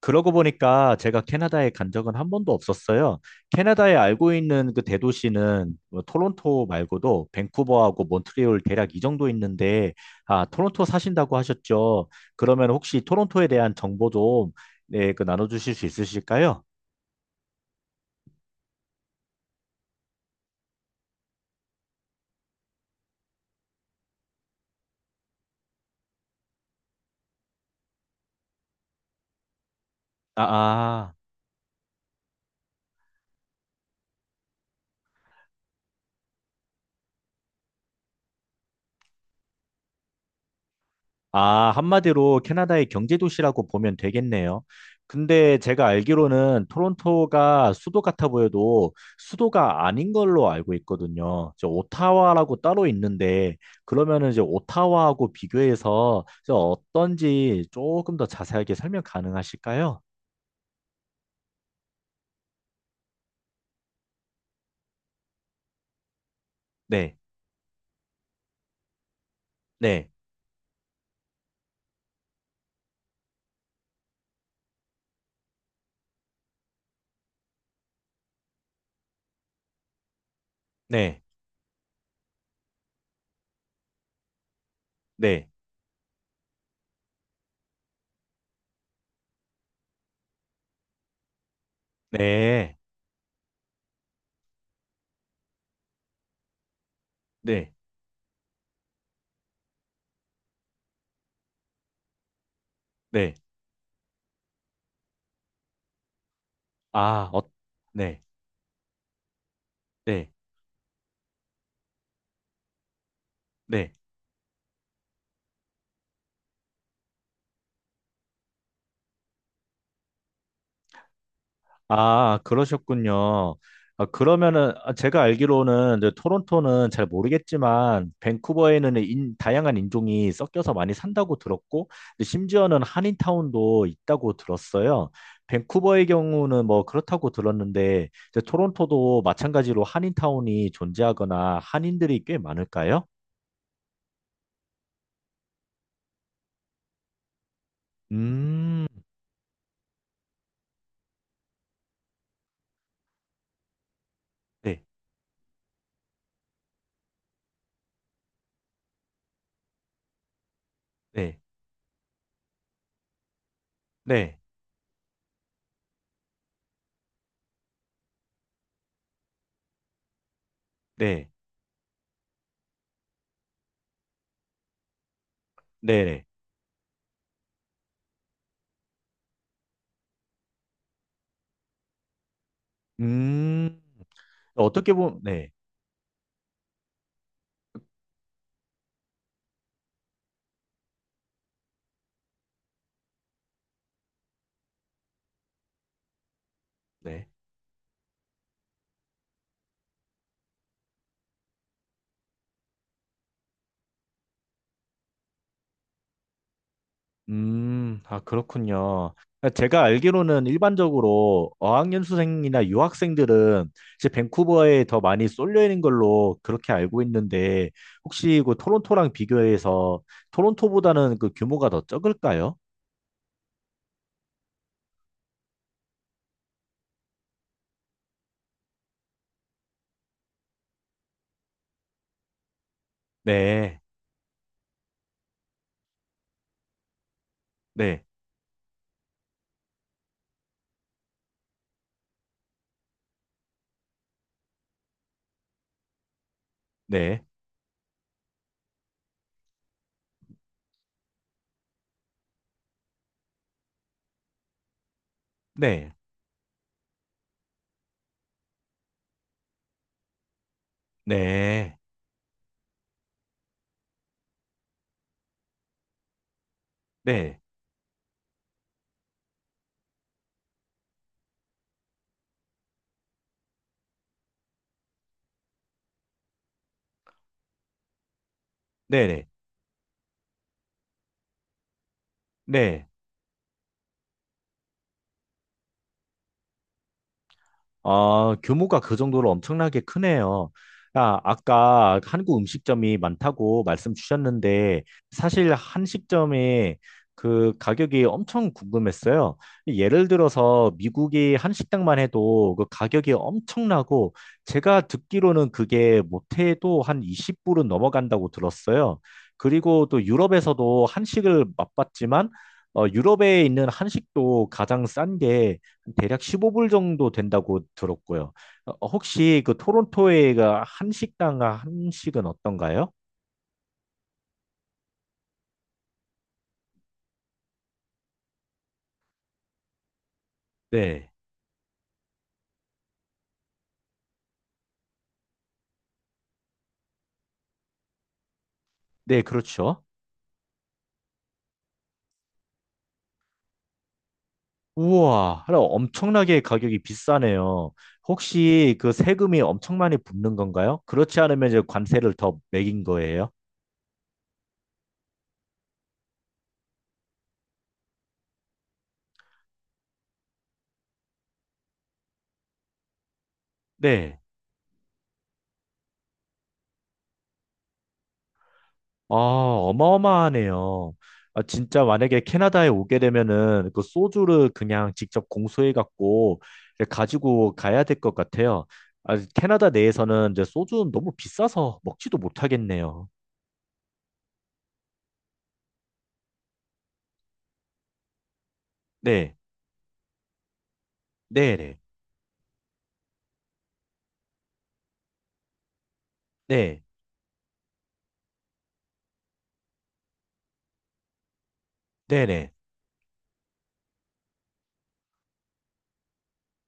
그러고 보니까 제가 캐나다에 간 적은 한 번도 없었어요. 캐나다에 알고 있는 그 대도시는 뭐 토론토 말고도 밴쿠버하고 몬트리올 대략 이 정도 있는데, 아, 토론토 사신다고 하셨죠? 그러면 혹시 토론토에 대한 정보 좀, 네, 그 나눠주실 수 있으실까요? 아, 아. 아, 한마디로 캐나다의 경제 도시라고 보면 되겠네요. 근데 제가 알기로는 토론토가 수도 같아 보여도 수도가 아닌 걸로 알고 있거든요. 저 오타와라고 따로 있는데 그러면은 이제 오타와하고 비교해서 저 어떤지 조금 더 자세하게 설명 가능하실까요? 네, 네, 네, 네, 네, 네, 네. 아, 어, 네, 네, 네. 아, 그러셨군요. 아, 그러면은 아, 제가 알기로는 이제 토론토는 잘 모르겠지만 밴쿠버에는 다양한 인종이 섞여서 많이 산다고 들었고 근데 심지어는 한인타운도 있다고 들었어요. 밴쿠버의 경우는 뭐 그렇다고 들었는데 이제 토론토도 마찬가지로 한인타운이 존재하거나 한인들이 꽤 많을까요? 음, 네, 네, 네, 네, 네, 네. 음, 어떻게 보면 네, 네. 아, 그렇군요. 그러니까 제가 알기로는 일반적으로 어학연수생이나 유학생들은 이제 밴쿠버에 더 많이 쏠려 있는 걸로 그렇게 알고 있는데 혹시 그 토론토랑 비교해서 토론토보다는 그 규모가 더 적을까요? 네, 네, 네, 네, 네, 네, 네, 네, 네. 아, 규모가 그 정도로 엄청나게 크네요. 아, 아까 한국 음식점이 많다고 말씀 주셨는데, 사실 한식점의 그 가격이 엄청 궁금했어요. 예를 들어서 미국의 한식당만 해도 그 가격이 엄청나고, 제가 듣기로는 그게 못해도 한 20불은 넘어간다고 들었어요. 그리고 또 유럽에서도 한식을 맛봤지만, 유럽에 있는 한식도 가장 싼 게, 대략 15불 정도 된다고 들었고요. 혹시 그 토론토에가 한식당 한식은 어떤가요? 네. 네, 그렇죠. 우와, 하나 엄청나게 가격이 비싸네요. 혹시 그 세금이 엄청 많이 붙는 건가요? 그렇지 않으면 이제 관세를 더 매긴 거예요? 네. 아, 어마어마하네요. 아, 진짜 만약에 캐나다에 오게 되면은 그 소주를 그냥 직접 공수해 갖고 가지고 가야 될 것 같아요. 아, 캐나다 내에서는 이제 소주는 너무 비싸서 먹지도 못하겠네요. 네, 네, 네, 네, 네, 네,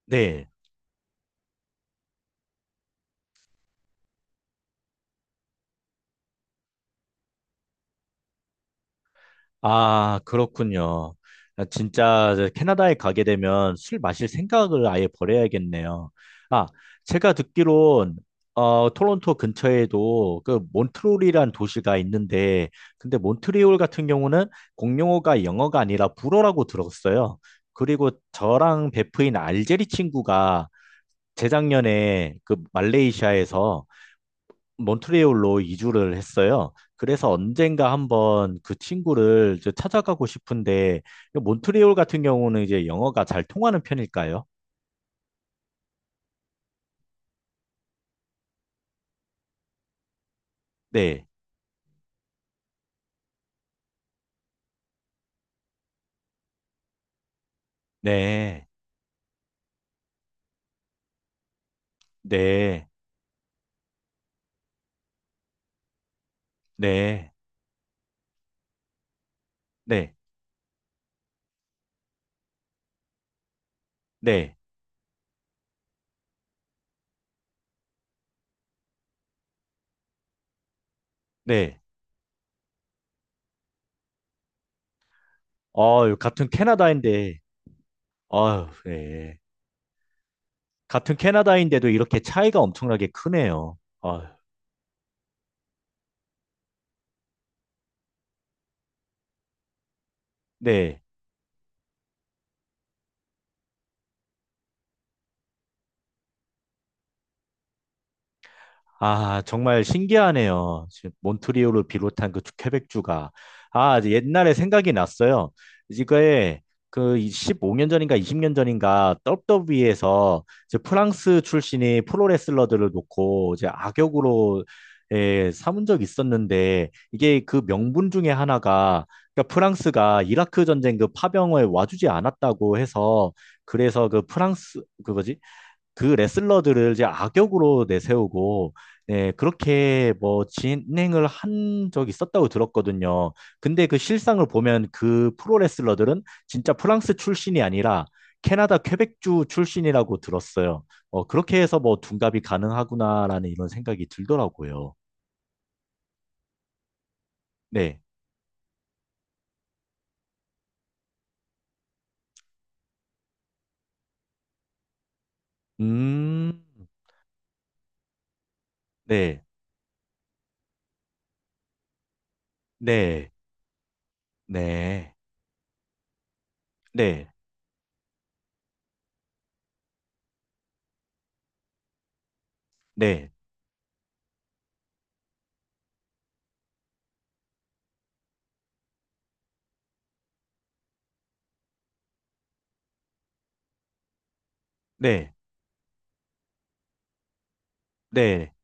네. 아, 그렇군요. 아, 진짜 저 캐나다에 가게 되면 술 마실 생각을 아예 버려야겠네요. 아, 제가 듣기론 토론토 근처에도 그 몬트리올이란 도시가 있는데 근데 몬트리올 같은 경우는 공용어가 영어가 아니라 불어라고 들었어요. 그리고 저랑 베프인 알제리 친구가 재작년에 그 말레이시아에서 몬트리올로 이주를 했어요. 그래서 언젠가 한번 그 친구를 이제 찾아가고 싶은데, 몬트리올 같은 경우는 이제 영어가 잘 통하는 편일까요? 네, 네, 네, 네, 네, 네, 네. 어, 같은 캐나다인데, 아 네. 같은 캐나다인데도 이렇게 차이가 엄청나게 크네요. 아, 네. 아, 정말 신기하네요. 지금 몬트리올을 비롯한 그 퀘벡주가. 아, 이제 옛날에 생각이 났어요. 이거에 그 15년 전인가 20년 전인가 WWE 에서 이제 프랑스 출신의 프로레슬러들을 놓고 이제 악역으로 예, 삼은 적이 있었는데 이게 그 명분 중에 하나가 그러니까 프랑스가 이라크 전쟁 그 파병을 와주지 않았다고 해서 그래서 그 프랑스 그거지 그 레슬러들을 이제 악역으로 내세우고 예, 그렇게 뭐 진행을 한 적이 있었다고 들었거든요. 근데 그 실상을 보면 그 프로 레슬러들은 진짜 프랑스 출신이 아니라 캐나다 퀘벡주 출신이라고 들었어요. 그렇게 해서 뭐 둔갑이 가능하구나라는 이런 생각이 들더라고요. 네. 음. 네. 네. 네. 네. 네. 네. 네.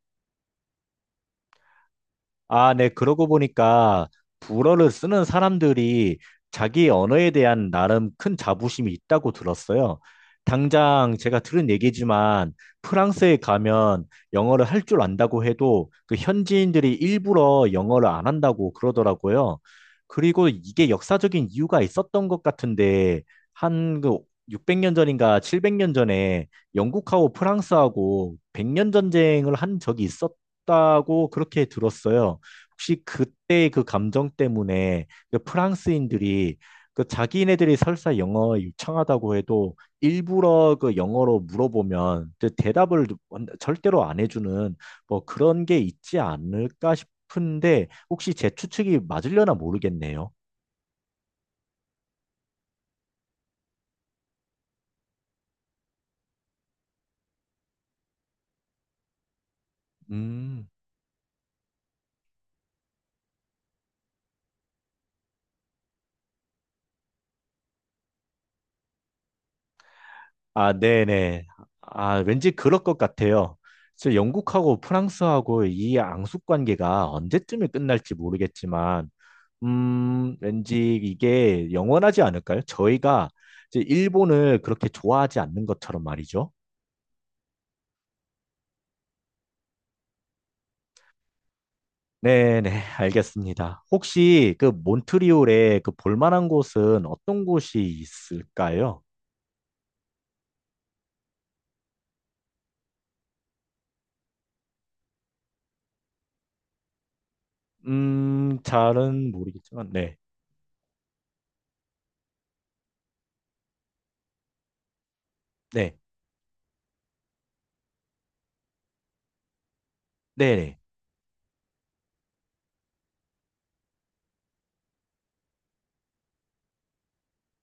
아, 네. 그러고 보니까 불어를 쓰는 사람들이 자기 언어에 대한 나름 큰 자부심이 있다고 들었어요. 당장 제가 들은 얘기지만 프랑스에 가면 영어를 할 줄 안다고 해도 그 현지인들이 일부러 영어를 안 한다고 그러더라고요. 그리고 이게 역사적인 이유가 있었던 것 같은데 한 그 600년 전인가 700년 전에 영국하고 프랑스하고 100년 전쟁을 한 적이 있었 다고 그렇게 들었어요. 혹시 그때 그 감정 때문에 그 프랑스인들이 그 자기네들이 설사 영어 유창하다고 해도 일부러 그 영어로 물어보면 그 대답을 절대로 안 해주는 뭐 그런 게 있지 않을까 싶은데 혹시 제 추측이 맞으려나 모르겠네요. 음, 아, 네네. 아, 왠지 그럴 것 같아요. 그래서 영국하고 프랑스하고 이 앙숙 관계가 언제쯤에 끝날지 모르겠지만 왠지 이게 영원하지 않을까요? 저희가 이제 일본을 그렇게 좋아하지 않는 것처럼 말이죠. 네네, 알겠습니다. 혹시 그 몬트리올에 그 볼만한 곳은 어떤 곳이 있을까요? 잘은 모르겠지만, 네, 네, 네네,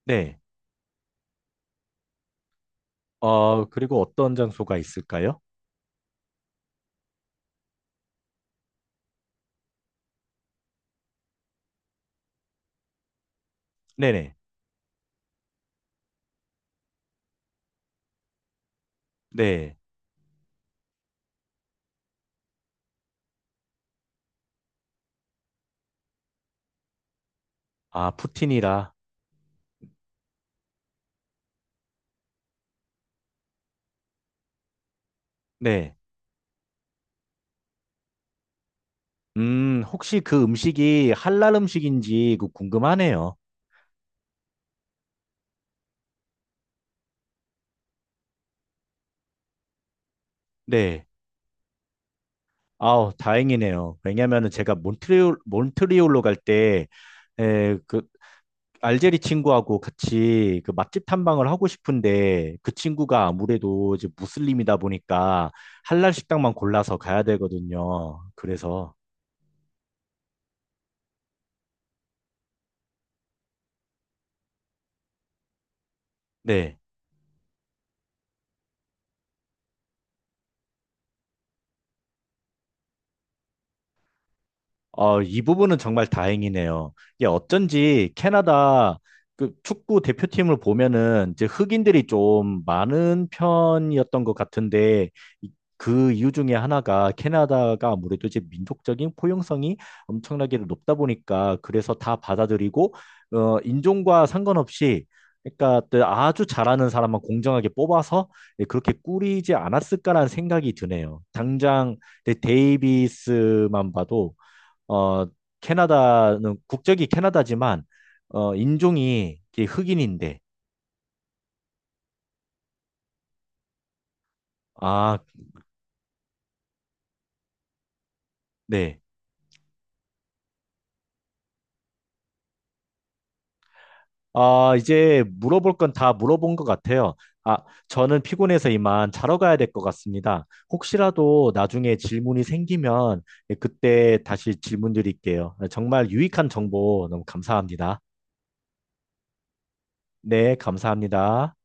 네. 어, 그리고 어떤 장소가 있을까요? 네네, 네. 아, 푸틴이라, 네. 혹시 그 음식이 할랄 음식인지 그 궁금하네요. 네. 아우, 다행이네요. 왜냐면은 제가 몬트리올로 갈 때, 그, 알제리 친구하고 같이 그 맛집 탐방을 하고 싶은데, 그 친구가 아무래도 이제 무슬림이다 보니까, 할랄 식당만 골라서 가야 되거든요. 그래서, 네. 아, 이 부분은 정말 다행이네요. 이게 어쩐지 캐나다 그 축구 대표팀을 보면은 이제 흑인들이 좀 많은 편이었던 것 같은데 이- 그 이유 중에 하나가 캐나다가 아무래도 이제 민족적인 포용성이 엄청나게 높다 보니까 그래서 다 받아들이고 인종과 상관없이 그러니까 또 아주 잘하는 사람만 공정하게 뽑아서 예, 그렇게 꾸리지 않았을까라는 생각이 드네요. 당장 데이비스만 봐도 어, 캐나다는 국적이 캐나다지만 인종이 이게 흑인인데 아, 네. 아, 이제 물어볼 건 다 물어본 것 같아요. 아, 저는 피곤해서 이만 자러 가야 될 것 같습니다. 혹시라도 나중에 질문이 생기면 그때 다시 질문 드릴게요. 정말 유익한 정보 너무 감사합니다. 네, 감사합니다.